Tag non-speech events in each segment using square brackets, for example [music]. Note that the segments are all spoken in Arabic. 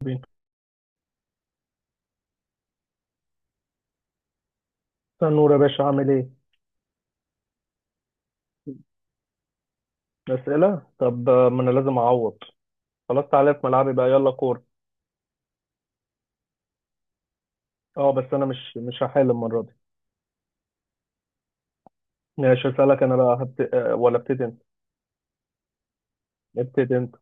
استنى نور يا باشا، عامل ايه؟ أسئلة؟ طب، ما أنا لازم أعوض. خلاص، تعالى في ملعبي بقى، يلا كورة. بس أنا مش هحل المرة دي. ماشي، أسألك أنا بقى. هبت... آه، ولا ابتدي أنت؟ ابتدي أنت.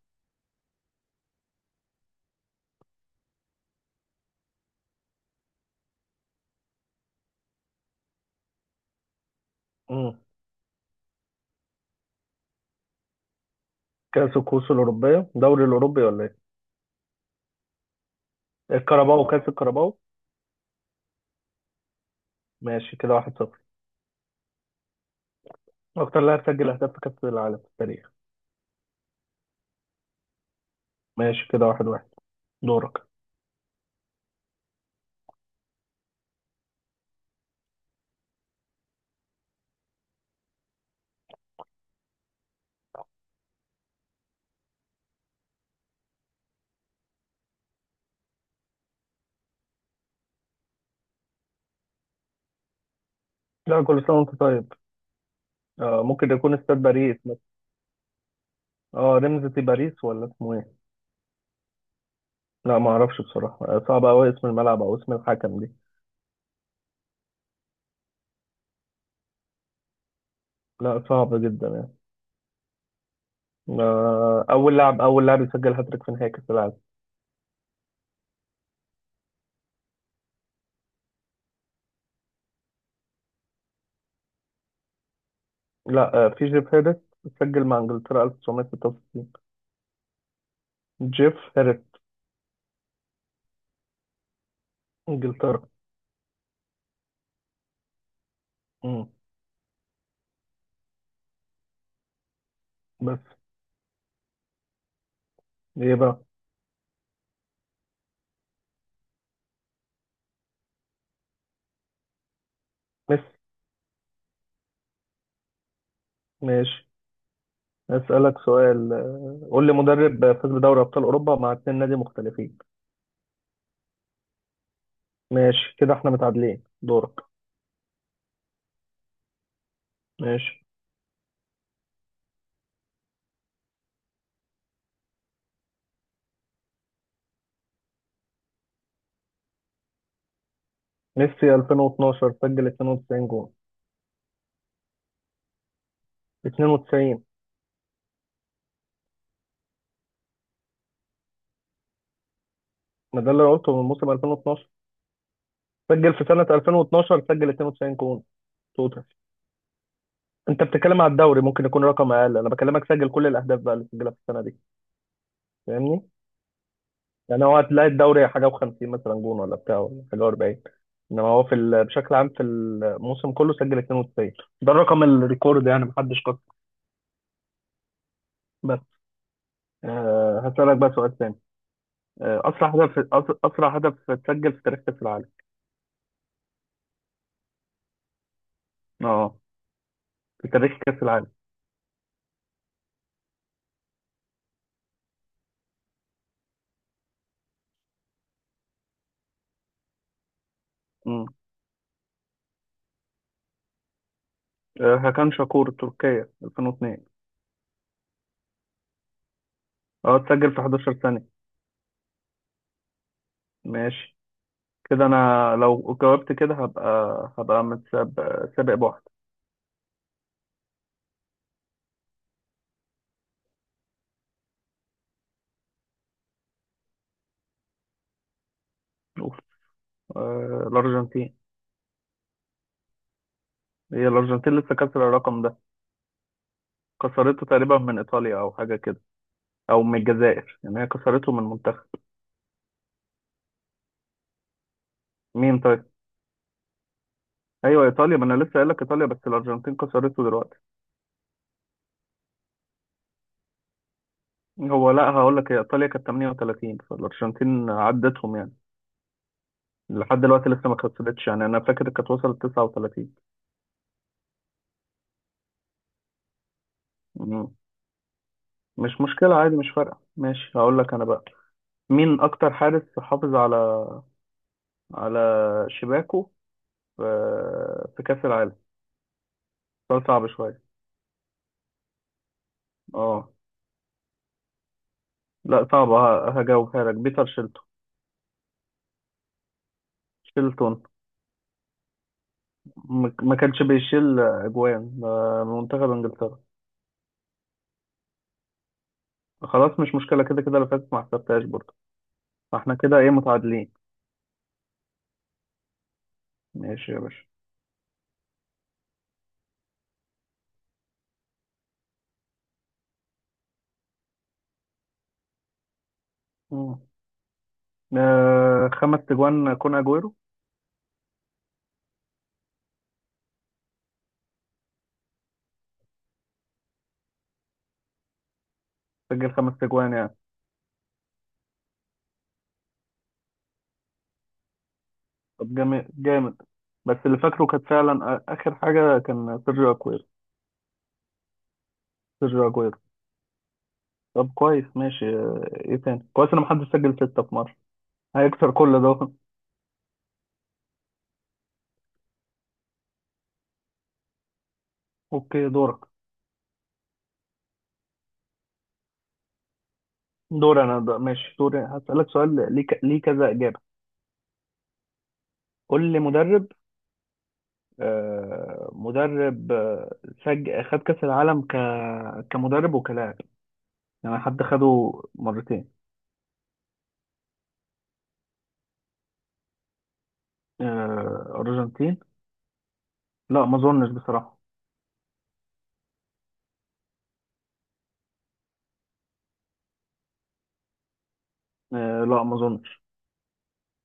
مم. كأس الكؤوس الأوروبية، دوري الأوروبي ولا إيه؟ الكاراباو اه كأس الكاراباو. ماشي كده، 1-0. أكتر لاعب سجل أهداف في كأس العالم في التاريخ. ماشي كده، 1-1. دورك. لا، كل سنة وأنت طيب. ممكن يكون استاد باريس مثلا. رمزة باريس ولا اسمه إيه؟ لا ما أعرفش بصراحة. صعب أوي اسم الملعب أو اسم الحكم دي. لا، صعب جدا يعني. أول لاعب يسجل هاتريك في نهائي كأس العالم. لا، في جيف هيرست. سجل مع إنجلترا 1966. جيف هيرست. إنجلترا. مم. بس. إيه بقى. ميسي. ماشي، أسألك سؤال. قول لي مدرب فاز بدوري أبطال أوروبا مع اتنين نادي مختلفين. ماشي كده، إحنا متعادلين. دورك. ماشي. ميسي 2012 سجل 92 جول. 92. ما ده اللي أنا قلته من موسم 2012. سجل في سنة 2012 سجل 92 جول. توتال. انت بتتكلم على الدوري، ممكن يكون رقم اقل. انا بكلمك سجل كل الاهداف بقى اللي سجلها في السنه دي. فاهمني. يعني هو هتلاقي الدوري حاجه و50 مثلا جون، ولا بتاع، ولا حاجه 40. انما هو بشكل عام في الموسم كله سجل 92. ده الرقم الريكورد، يعني محدش كسر. بس. هسألك بقى سؤال تاني. اسرع هدف اتسجل في تاريخ كاس العالم. اه في تاريخ كاس العالم. امم هاكان شاكور، تركيا 2002. اه اتسجل في 11 ثانيه. ماشي كده، انا لو جاوبت كده هبقى، هبقى متسابق سابق بواحد. شوف. الارجنتين. هي الارجنتين لسه كسر الرقم ده. كسرته تقريبا من ايطاليا او حاجه كده، او من الجزائر، يعني هي كسرته من منتخب. مين طيب. ايوه، ايطاليا. ما انا لسه قايل لك ايطاليا، بس الارجنتين كسرته دلوقتي. هو لا، هقول لك، هي ايطاليا كانت 38 فالارجنتين عدتهم يعني. لحد دلوقتي لسه ما كسرتش، يعني انا فاكر كانت وصلت 39. مم. مش مشكله، عادي، مش فارقه. ماشي، هقول لك انا بقى. مين اكتر حارس حافظ على على شباكه في في كأس العالم؟ سؤال صعب شوية. اه. لا صعب، هجاوبها لك، بيتر شيلتون. شيلتون ما كانش بيشيل أجوان منتخب إنجلترا. خلاص، مش مشكلة. كده كده اللي فاتت ما حسبتهاش برضه. فاحنا كده ايه، متعادلين. ماشي يا باشا. مم. خمس تجوان، كون أجويرو. سجل خمس تجوان يعني. طب جامد جامد. بس اللي فاكره كانت فعلا آخر حاجة كان سيرجيو أجويرو. سيرجيو أجويرو. طب كويس، ماشي. ايه تاني كويس ان محدش سجل ستة في مرة. هيكسر كل ده. [laughs] اوكي، دورك. دور انا ده، ماشي دوري. هسألك سؤال ليه ليه كذا إجابة. قول لي مدرب، مدرب، خد كأس العالم كمدرب وكلاعب. يعني حد خده مرتين. أرجنتين. لا، ما اظنش بصراحة. لا، ما اظنش.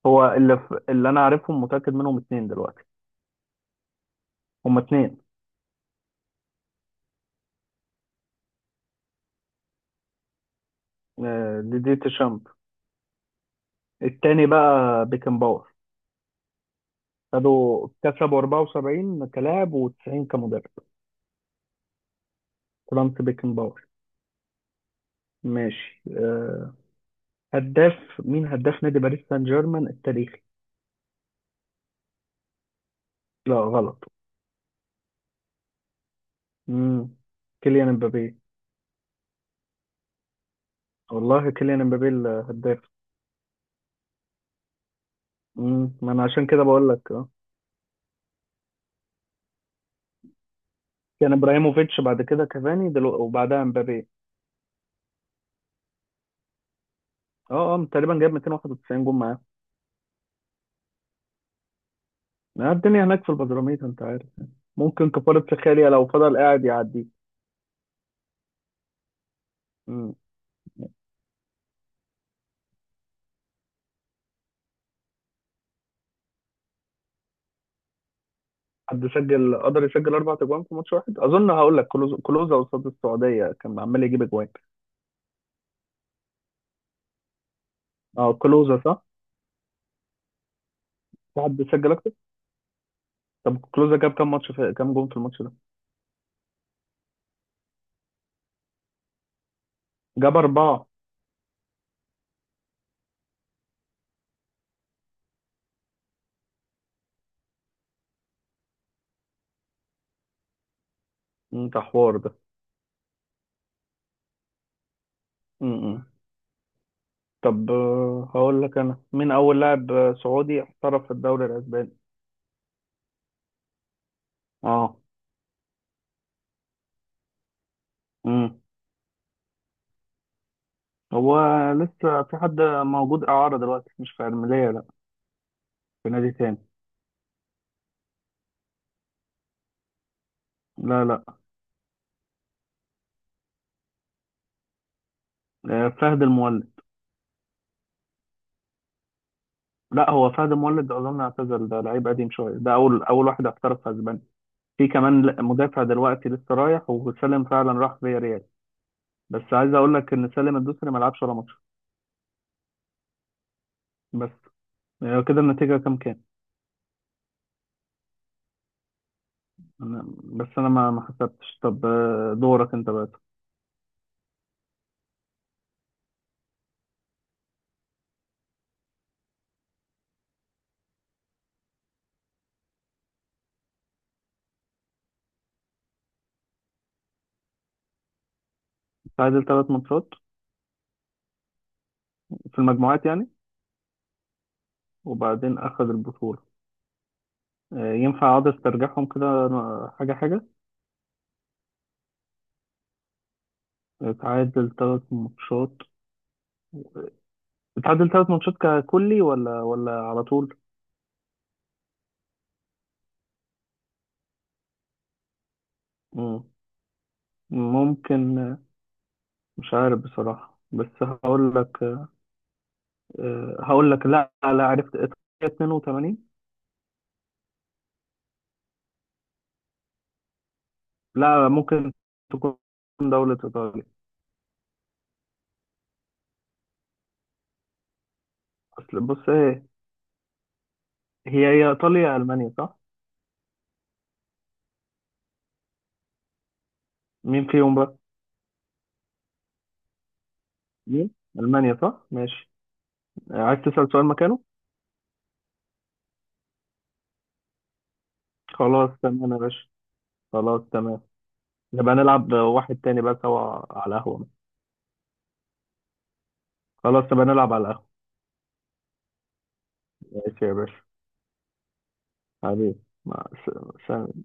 هو اللي انا عارفهم متأكد منهم اتنين دلوقتي. هما اتنين. دي دي تشامب. التاني بقى، بيكن باور. خدوا كسبوا 74 كلاعب و90 كمدرب. فرانس بيكنباور. ماشي. هداف. مين هداف نادي باريس سان جيرمان التاريخي؟ لا غلط. مم. كيليان امبابي. والله كيليان امبابي الهداف. مم. ما انا عشان كده بقول لك اه. كان ابراهيموفيتش، بعد كده كافاني وبعدها امبابي. اه اه، تقريبا جاب 291 جون معاه. الدنيا هناك في البدراميت، انت عارف. ممكن كفارة سخاليا لو فضل قاعد يعدي. مم. حد سجل، قدر يسجل اربع اجوان في ماتش واحد اظن. هقول لك، كلوزا قصاد السعوديه كان عمال يجيب اجوان. اه، كلوزا صح. في حد سجل اكتر. طب كلوزا جاب كام جون في الماتش ده؟ جاب اربعه. أمم، ده حوار ده. امم طب، هقول لك انا. مين اول لاعب سعودي احترف في الدوري الاسباني؟ اه. امم هو لسه في حد موجود اعاره دلوقتي، مش في ارميليه لا، في نادي تاني. لا لا، فهد المولد. لا، هو فهد مولد اظن اعتزل، ده لعيب قديم شويه، ده اول، اول واحد احترف في اسبانيا. في كمان مدافع دلوقتي لسه رايح، وسالم فعلا راح فيا ريال. بس عايز اقول لك ان سالم الدوسري ما لعبش ولا ماتش. بس، يعني كده النتيجه كام كام؟ بس انا ما حسبتش. طب، دورك انت بقى. تعادل ثلاث ماتشات في المجموعات يعني، وبعدين اخذ البطوله. ينفع اقعد استرجعهم كده، حاجه حاجه. تعادل ثلاث ماتشات. تعادل ثلاث ماتشات ككلي ولا على طول. ممكن. مش عارف بصراحة، بس هقول لك. هقول لك، لا لا، عرفت إيطاليا 82. لا، ممكن تكون دولة إيطاليا. أصل بص إيه، هي إيطاليا يا ألمانيا صح؟ مين فيهم بقى؟ مين؟ ألمانيا صح؟ ماشي. عايز تسأل سؤال مكانه؟ خلاص تمام يا باشا. خلاص تمام. نبقى نلعب واحد تاني بقى سوا على قهوة. خلاص نبقى نلعب على قهوة. ماشي يا باشا. حبيبي، مع سلام.